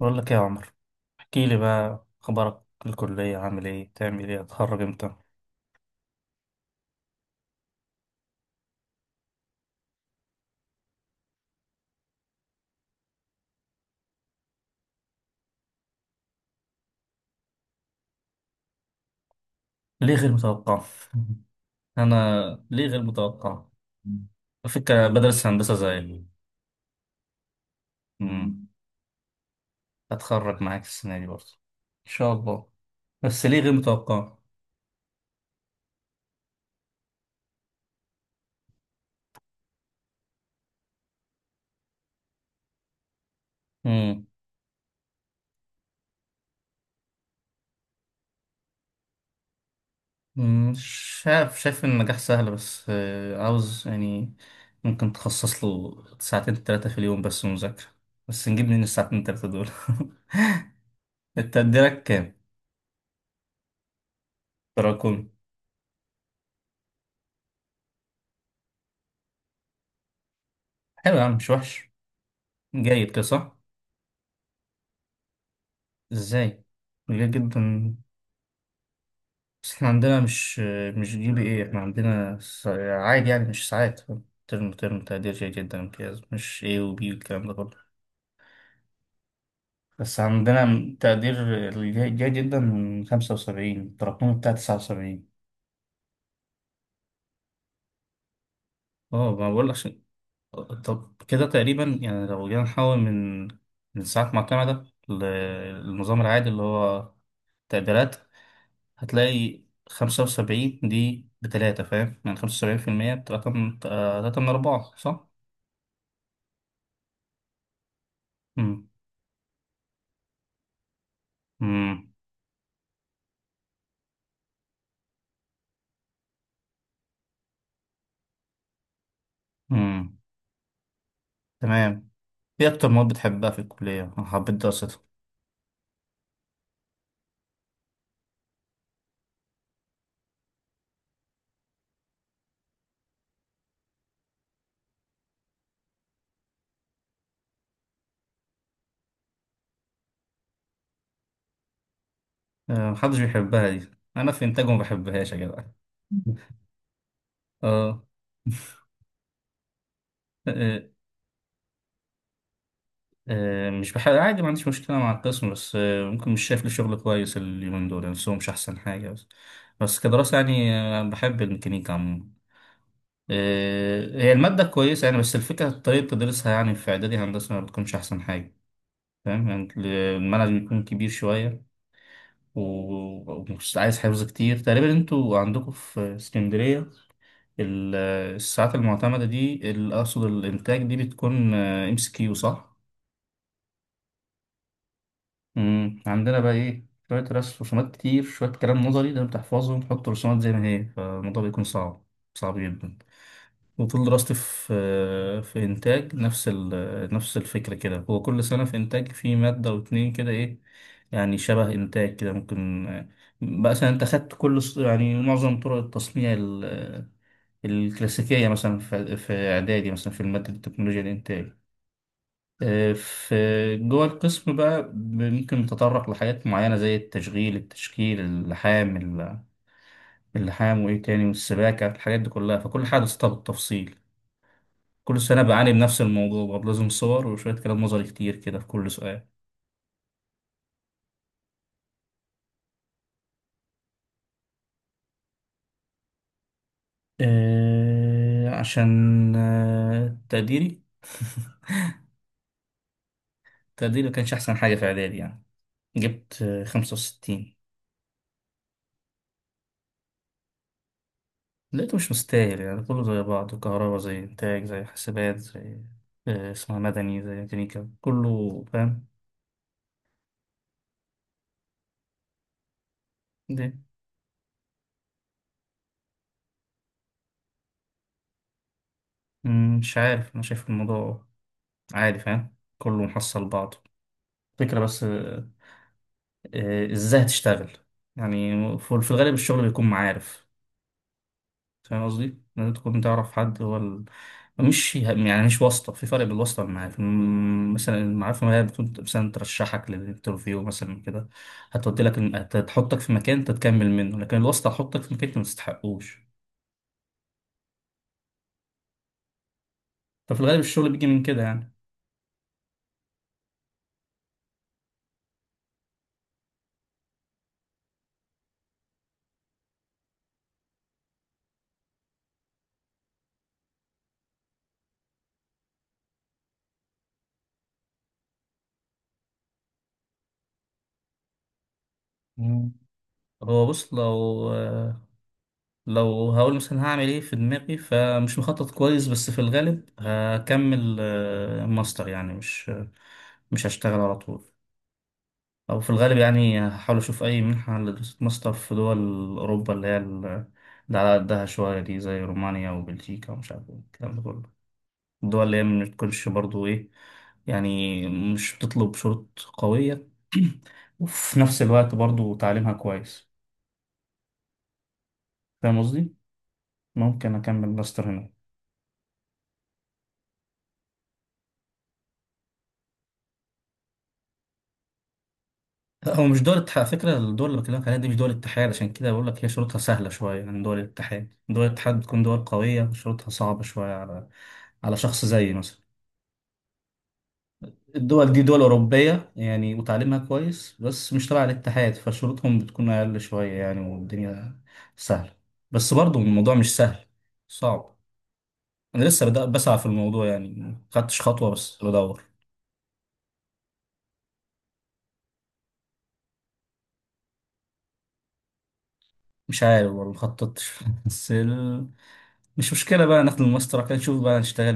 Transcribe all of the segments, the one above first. بقول لك إيه يا عمر؟ احكي لي بقى، اخبارك في الكليه؟ عامل ايه؟ تعمل ايه؟ هتخرج امتى؟ ليه غير متوقع؟ انا؟ ليه غير متوقع؟ الفكره بدرس هندسه زي امم هتخرج معاك السنه دي برضه، ان شاء الله. بس ليه غير متوقع؟ امم شايف إن النجاح سهل، بس عاوز يعني. ممكن تخصص له ساعتين ثلاثه في اليوم بس مذاكره، بس نجيب من الساعتين ثلاثه دول. انت تقديرك كام تراكم؟ حلو يا عم، مش وحش. جيد كده صح؟ ازاي؟ جيد جدا. بس احنا عندنا مش جي بي ايه، احنا عندنا عادي، يعني مش ساعات. ترم ترم تقدير جيد جدا، امتياز، مش ايه وبي والكلام ده كله. بس عندنا تقدير الجيد جيد جدا من 75، التراكمي بتاع 79. اه، ما بقول عشان. طب كده تقريبا، يعني لو جينا نحول من ساعات معتمدة للنظام العادي اللي هو تقديرات، هتلاقي 75 دي بتلاتة، فاهم؟ يعني 75% بتلاتة من تلاتة من أربعة، صح؟ مم. مم. مم. تمام. إيه أكتر مواد بتحبها في الكلية؟ أنا حبيت دراستها. آه، محدش بيحبها دي، أنا في إنتاج ما بحبهاش يا جدع. آه. آه، آه، آه، مش بحب عادي، ما عنديش مشكلة مع القسم، بس ممكن مش شايف لي شغل كويس اليومين دول، يعني سوق مش أحسن حاجة. بس بس كدراسة، يعني بحب الميكانيكا عموما. آه، هي المادة كويسة يعني، بس الفكرة طريقة تدريسها يعني في إعدادي هندسة ما بتكونش أحسن حاجة، فاهم يعني. المنهج بيكون كبير شوية ومش عايز حفظ كتير. تقريبا انتوا عندكم في اسكندرية ال- الساعات المعتمدة دي، أقصد الإنتاج دي، بتكون ام اس كيو، صح؟ مم. عندنا بقى إيه؟ شوية رسم، رسومات كتير، شوية كلام نظري، ده بتحفظه وتحط رسومات زي ما هي، فالموضوع بيكون صعب، صعب جدا. وطول دراستي في إنتاج نفس نفس الفكرة كده. هو كل سنة في إنتاج في مادة واتنين كده، إيه يعني، شبه إنتاج كده ممكن. بقى مثلا أنت خدت كل يعني معظم طرق التصنيع الكلاسيكية مثلا في... في إعدادي، مثلا في المادة التكنولوجيا الإنتاج. آه، في جوه القسم بقى ممكن نتطرق لحاجات معينة زي التشغيل، التشكيل، اللحام، اللحام وإيه تاني، والسباكة، الحاجات دي كلها. فكل حاجة درستها بالتفصيل. كل سنة بعاني بنفس الموضوع برضه، لازم صور وشوية كلام نظري كتير كده في كل سؤال. عشان تقديري. تقديري ما كانش أحسن حاجة في إعدادي يعني. جبت 65. لقيته مش مستاهل، يعني كله زي بعضه، كهرباء زي إنتاج زي حاسبات زي اسمها مدني زي ميكانيكا، كله فاهم. دي مم، مش عارف. أنا شايف الموضوع عادي، فاهم؟ كله محصل بعضه. فكرة بس ازاي هتشتغل؟ يعني في الغالب الشغل بيكون معارف. فاهم قصدي؟ لازم تكون تعرف حد، هو مش يعني مش واسطة، في فرق بين الواسطة والمعارف. مثلا المعارف ما هي بتكون مثلا ترشحك للانترفيو مثلا كده، هتودي لك هتحطك في مكان انت تكمل منه. لكن الواسطة هتحطك في مكان انت ما تستحقوش. ففي الغالب الشغل بيجي من كده يعني. مم. هو بص، لو هقول مثلا هعمل ايه في دماغي، فمش مخطط كويس. بس في الغالب هكمل ماستر يعني، مش هشتغل على طول. او في الغالب يعني هحاول اشوف اي منحة لدراسة ماستر في دول اوروبا اللي هي اللي على قدها شوية دي، زي رومانيا وبلجيكا ومش عارف ايه الكلام ده كله. الدول اللي هي ما بتكونش برضو ايه، يعني مش بتطلب شروط قوية. وفي نفس الوقت برضو تعليمها كويس، فاهم قصدي؟ ممكن أكمل ماستر هناك. لا، هو مش دول الاتحاد على فكرة. الدول اللي بكلمك عليها دي مش دول الاتحاد، عشان كده بقول لك هي شروطها سهلة شوية عن دول الاتحاد. دول الاتحاد بتكون دول قوية، شروطها صعبة شوية على شخص زيي مثلا. الدول دي دول أوروبية يعني، وتعليمها كويس، بس مش تبع الاتحاد، فشروطهم بتكون أقل شوية يعني، والدنيا سهلة. بس برضه الموضوع مش سهل، صعب. أنا لسه بدأ بسعى في الموضوع يعني، مخدتش خطوة بس بدور. مش عارف والله، مخططتش. بس مش مشكلة، بقى ناخد الماستر كده نشوف بقى نشتغل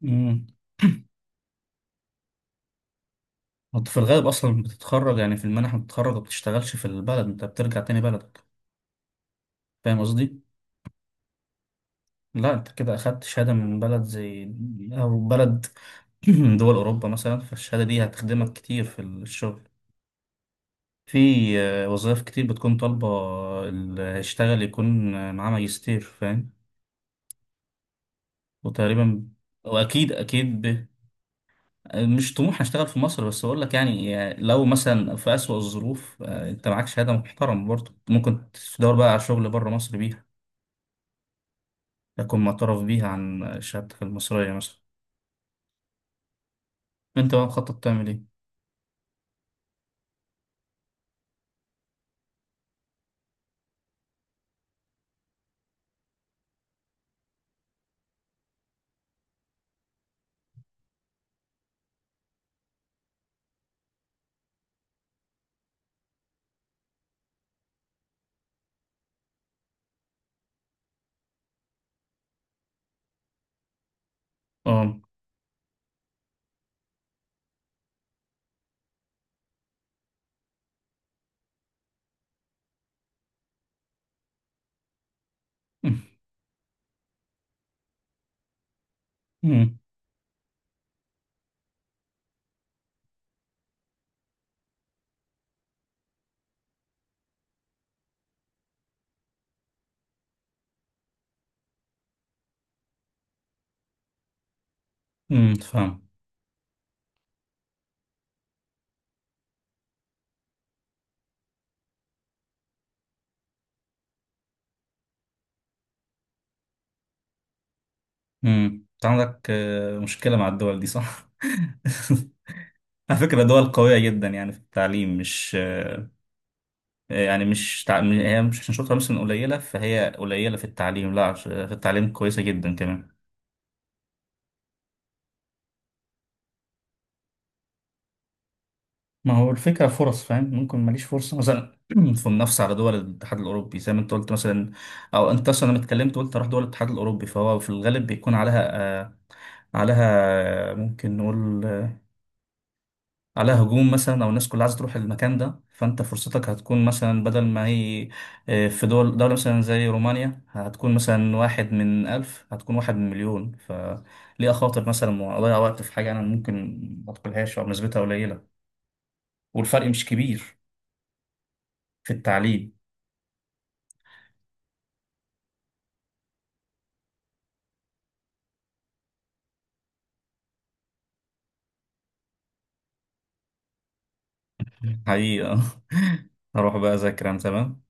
بإيه. انت في الغالب اصلا بتتخرج يعني في المنح، بتتخرج وما بتشتغلش في البلد، انت بترجع تاني بلدك، فاهم قصدي؟ لا، انت كده اخدت شهاده من بلد زي او بلد من دول اوروبا مثلا، فالشهاده دي هتخدمك كتير في الشغل. في وظائف كتير بتكون طالبه اللي هيشتغل يكون معاه ماجستير، فاهم؟ وتقريبا واكيد اكيد مش طموح اشتغل في مصر، بس اقول لك يعني لو مثلا في اسوأ الظروف انت معاك شهاده محترم، برضه ممكن تدور بقى على شغل بره مصر بيها، يكون معترف بيها عن شهادتك المصرية مثلا. انت بقى مخطط تعمل ايه؟ اه. امم. فاهم. امم. انت عندك مشكلة مع الدول دي، صح؟ على فكرة دول قوية جدا يعني في التعليم، مش يعني مش هي مش عشان شاطرة مثلا قليلة فهي قليلة في التعليم، لا، في التعليم كويسة جدا كمان. ما هو الفكرة فرص، فاهم؟ ممكن ماليش فرصة مثلا في منافسة على دول الاتحاد الأوروبي زي ما أنت قلت مثلا، أو أنت أصلا لما اتكلمت قلت هروح دول الاتحاد الأوروبي، فهو في الغالب بيكون عليها آه، عليها ممكن نقول عليها هجوم مثلا، او الناس كلها عايزه تروح المكان ده. فانت فرصتك هتكون مثلا بدل ما هي في دول دوله مثلا زي رومانيا هتكون مثلا واحد من الف، هتكون واحد من مليون. فليه اخاطر مثلا واضيع وقت في حاجه انا ممكن ما ادخلهاش او نسبتها قليله، والفرق مش كبير في التعليم. حقيقه. هروح بقى اذاكر انا، تمام.